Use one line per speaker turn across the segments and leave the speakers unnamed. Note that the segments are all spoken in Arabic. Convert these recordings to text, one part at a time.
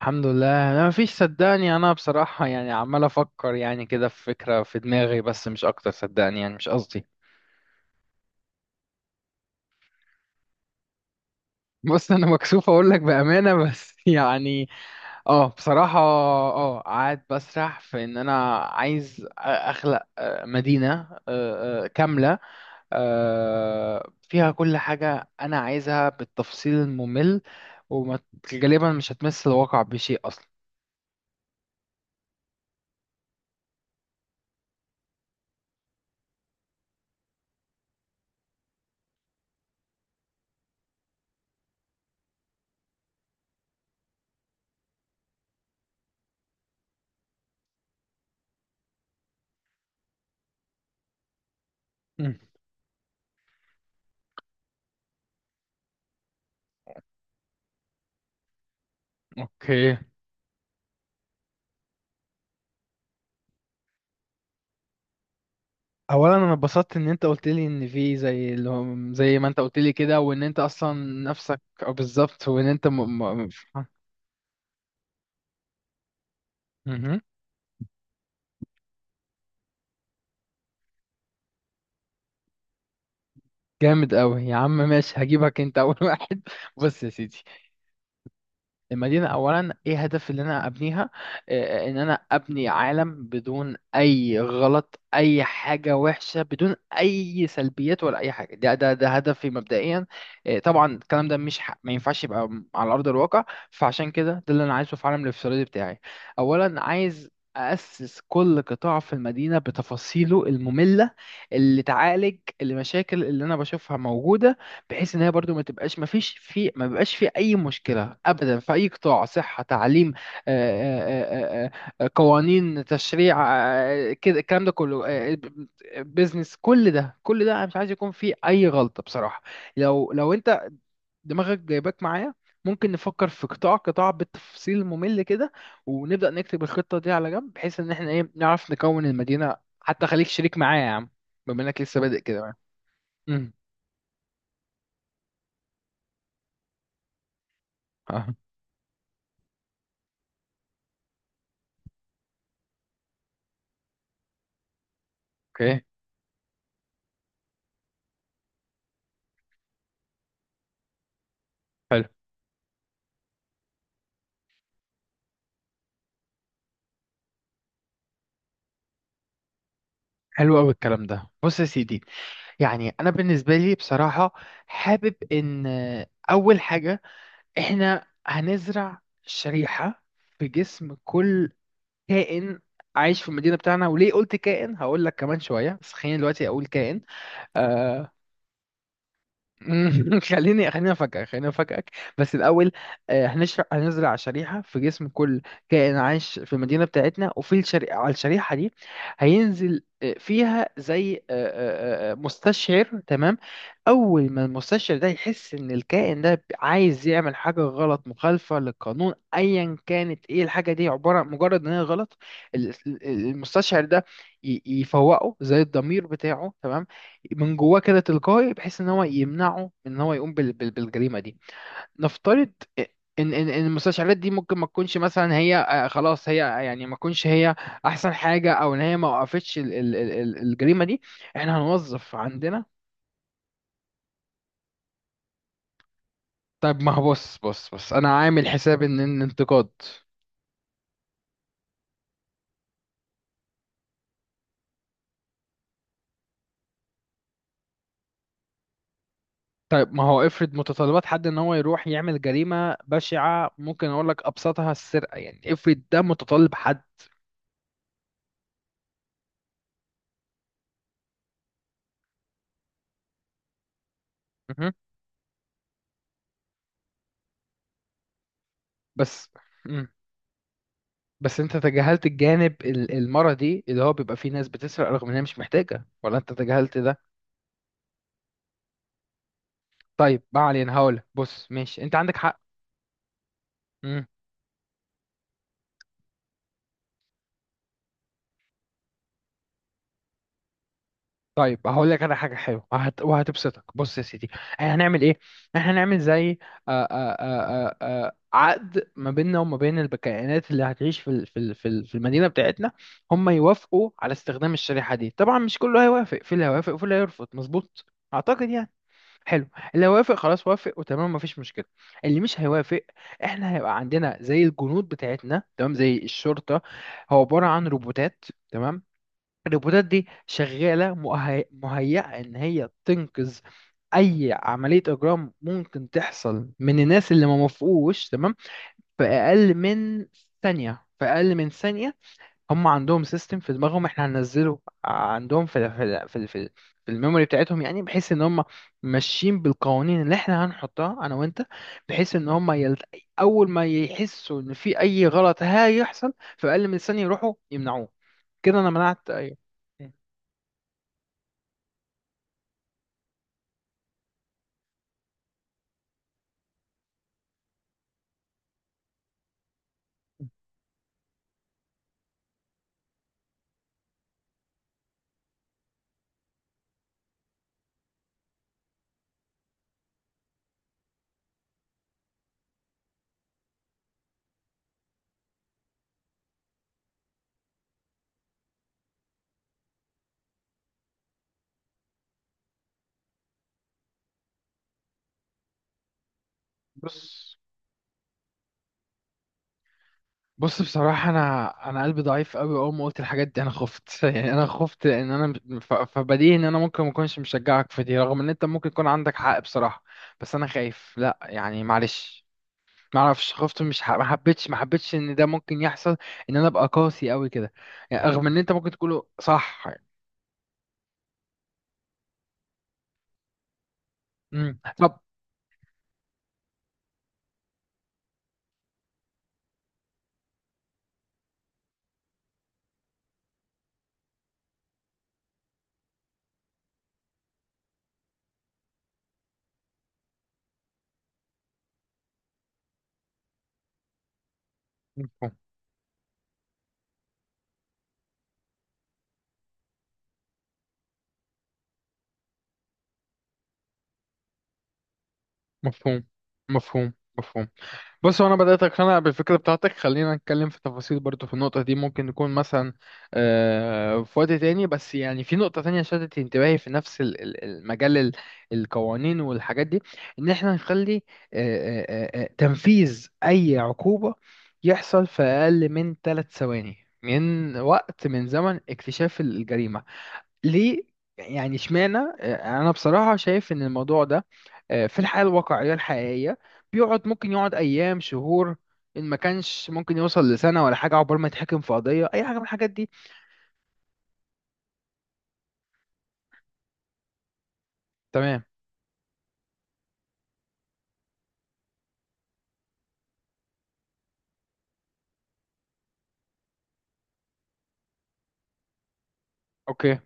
الحمد لله، انا مفيش. صدقني انا بصراحة، يعني عمال افكر، يعني كده في فكرة في دماغي، بس مش اكتر. صدقني يعني مش قصدي. بص، انا مكسوف اقول لك بأمانة بس يعني، اه، بصراحة، قاعد بسرح في ان انا عايز اخلق مدينة كاملة، فيها كل حاجة انا عايزها بالتفصيل الممل، وغالبا مش هتمس الواقع بشيء اصلا. مم. اوكي. اولا، انا اتبسطت ان انت قلت لي ان في، زي اللي هو، زي ما انت قلت لي كده، وان انت اصلا نفسك أو بالظبط، وان انت م... مهم. جامد قوي يا عم، ماشي، هجيبك انت اول واحد. بص يا سيدي، المدينة، أولا إيه هدف اللي أنا أبنيها؟ إن أنا أبني عالم بدون أي غلط، أي حاجة وحشة، بدون أي سلبيات ولا أي حاجة، ده هدفي مبدئيا. طبعا الكلام ده مش ما ينفعش يبقى على أرض الواقع. فعشان كده، ده اللي أنا عايزه في عالم الافتراضي بتاعي. أولا عايز أسس كل قطاع في المدينة بتفاصيله المملة، اللي تعالج المشاكل اللي أنا بشوفها موجودة، بحيث ان هي برضو ما تبقاش ما فيش في ما بيبقاش في اي مشكله ابدا، في اي قطاع، صحه، تعليم، آه، آه، آه، آه، قوانين، تشريع، كده الكلام ده كله، بيزنس، كل ده كل ده انا مش عايز يكون فيه اي غلطه بصراحه. لو انت دماغك جايباك معايا، ممكن نفكر في قطاع قطاع بالتفصيل ممل كده، ونبدا نكتب الخطه دي على جنب، بحيث ان احنا، ايه، نعرف نكون المدينه. حتى خليك شريك معايا يا عم، بما انك لسه بادئ كده. مم. اه، اوكي. حلو قوي الكلام ده. بص يا سيدي، يعني انا بالنسبه لي بصراحه، حابب ان، اول حاجه، احنا هنزرع شريحه في جسم كل كائن عايش في المدينه بتاعنا. وليه قلت كائن؟ هقول لك كمان شويه، بس خليني دلوقتي اقول كائن. آه، خليني افاجئك. بس الاول، هنزرع شريحه في جسم كل كائن عايش في المدينه بتاعتنا، على الشريحه دي هينزل، فيها زي مستشعر. تمام، اول ما المستشعر ده يحس ان الكائن ده عايز يعمل حاجه غلط مخالفه للقانون، ايا كانت ايه الحاجه دي، عباره مجرد ان هي غلط، المستشعر ده يفوقه زي الضمير بتاعه، تمام، من جواه كده تلقائي، بحيث ان هو يمنعه من ان هو يقوم بالجريمه دي. نفترض ان ان إن المستشعرات دي ممكن ما تكونش، مثلا، هي خلاص، هي يعني ما تكونش هي احسن حاجه، او ان هي ما وقفتش الجريمه دي. احنا هنوظف عندنا. طيب ما هو، بص، انا عامل حساب ان الانتقاد. طيب ما هو، افرض متطلبات حد ان هو يروح يعمل جريمه بشعه، ممكن اقول لك ابسطها السرقه، يعني افرض ده متطلب حد. مهم. بس بس انت تجاهلت الجانب المرضي، اللي هو بيبقى فيه ناس بتسرق رغم ان هي مش محتاجة، ولا انت تجاهلت ده. طيب ما علينا، هقولك بص ماشي، انت عندك حق. مم. طيب هقول لك انا حاجة حلوة وهتبسطك. بص يا سيدي، احنا هنعمل ايه؟ احنا هنعمل زي عقد ما بيننا وما بين الكائنات اللي هتعيش في المدينة بتاعتنا. هم يوافقوا على استخدام الشريحة دي. طبعا مش كله هيوافق، في اللي هيوافق وفي اللي هيرفض، مظبوط، اعتقد يعني. حلو. اللي هيوافق خلاص، وافق وتمام، مفيش مشكله. اللي مش هيوافق، احنا هيبقى عندنا زي الجنود بتاعتنا، تمام، زي الشرطه، هو عباره عن روبوتات. تمام. الروبوتات دي شغاله مهيئه ان هي تنقذ اي عمليه اجرام ممكن تحصل من الناس اللي ما موافقوش، تمام، في اقل من ثانيه، في اقل من ثانيه. هم عندهم سيستم في دماغهم احنا هننزله عندهم في الميموري بتاعتهم يعني، بحيث ان هم ماشيين بالقوانين اللي احنا هنحطها انا وانت، بحيث ان هم اول ما يحسوا ان في اي غلط هيحصل، في اقل من ثانية يروحوا يمنعوه. كده انا منعت اي... بص بص بصراحة، أنا قلبي ضعيف أوي، أول ما قلت الحاجات دي أنا خفت يعني، أنا خفت إن أنا، فبديهي إن أنا ممكن ما أكونش مشجعك في دي، رغم إن أنت ممكن يكون عندك حق بصراحة. بس أنا خايف، لأ يعني، معلش. ما اعرفش، خفت، مش ح... ما حبيتش ان ده ممكن يحصل، ان انا ابقى قاسي قوي كده يعني، رغم ان انت ممكن تقوله صح يعني. مم. طب... مفهوم، مفهوم، مفهوم، مفهوم. بص، هو انا بدات اقتنع بالفكره بتاعتك، خلينا نتكلم في تفاصيل برضو في النقطه دي، ممكن نكون مثلا في وقت تاني. بس يعني في نقطه تانية شدت انتباهي في نفس المجال القوانين والحاجات دي، ان احنا نخلي تنفيذ اي عقوبه يحصل في اقل من 3 ثواني، من زمن اكتشاف الجريمه. ليه؟ يعني اشمعنى؟ انا بصراحه شايف ان الموضوع ده في الحياه الواقعيه الحقيقيه، ممكن يقعد ايام، شهور، ان ما كانش ممكن يوصل لسنه ولا حاجه، عقبال ما يتحكم في قضيه اي حاجه من الحاجات دي. تمام. اوكي.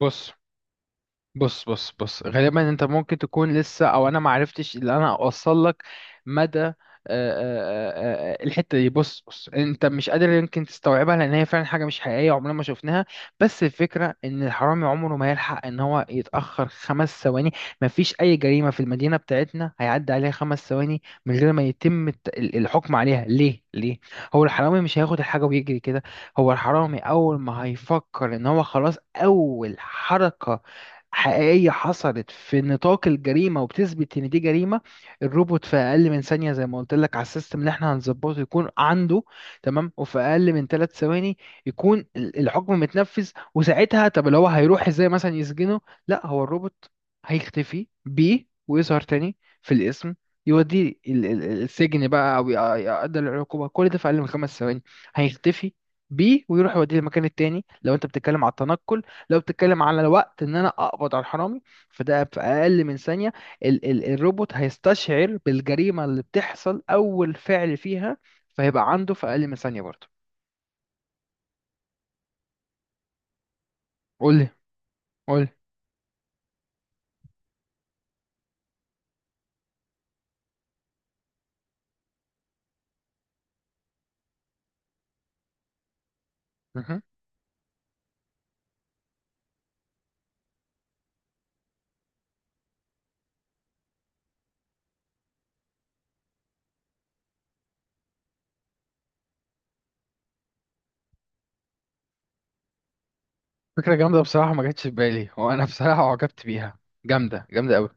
بص بص بص بص، غالبا انت ممكن تكون لسه، او انا ما عرفتش اللي انا اوصل لك مدى الحته دي. بص، انت مش قادر يمكن تستوعبها، لان هي فعلا حاجه مش حقيقيه، عمرنا ما شفناها. بس الفكره ان الحرامي عمره ما يلحق ان هو يتاخر 5 ثواني. ما فيش اي جريمه في المدينه بتاعتنا هيعدي عليها 5 ثواني من غير ما يتم الحكم عليها. ليه، ليه؟ هو الحرامي مش هياخد الحاجه ويجري كده. هو الحرامي اول ما هيفكر ان هو خلاص، اول حركه حقيقية حصلت في نطاق الجريمة وبتثبت إن دي جريمة، الروبوت في أقل من ثانية زي ما قلت لك، على السيستم اللي إحنا هنظبطه يكون عنده. تمام، وفي أقل من 3 ثواني يكون الحكم متنفذ. وساعتها، طب اللي هو هيروح إزاي مثلا يسجنه؟ لا، هو الروبوت هيختفي بيه ويظهر تاني في الاسم، يوديه السجن بقى، أو يقدر العقوبة، كل ده في أقل من 5 ثواني. هيختفي بيه ويروح يوديه المكان التاني لو أنت بتتكلم على التنقل. لو بتتكلم على الوقت ان انا اقبض على الحرامي، فده في اقل من ثانيه، ال ال الروبوت هيستشعر بالجريمه اللي بتحصل اول فعل فيها، فهيبقى عنده في اقل من ثانيه برضه. قول لي، قول لي. مهم. فكره جامده بصراحه، ما جاتش في بالي، وانا بصراحه عجبت بيها. جامده جامده قوي.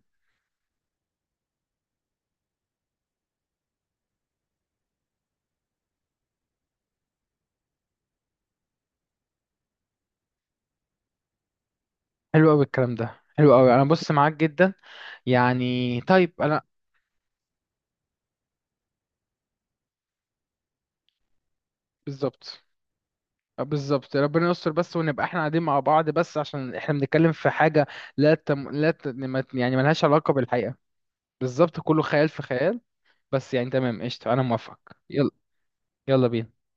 حلو قوي الكلام ده، حلو قوي، انا بص معاك جدا يعني. طيب انا... بالظبط. بالظبط ربنا يستر بس، ونبقى احنا قاعدين مع بعض، بس عشان احنا بنتكلم في حاجه لا تم... لا ت... ما- يعني ملهاش علاقه بالحقيقه. بالظبط، كله خيال في خيال. بس يعني تمام، قشطة، أنا موافق. يلا، يلا بينا.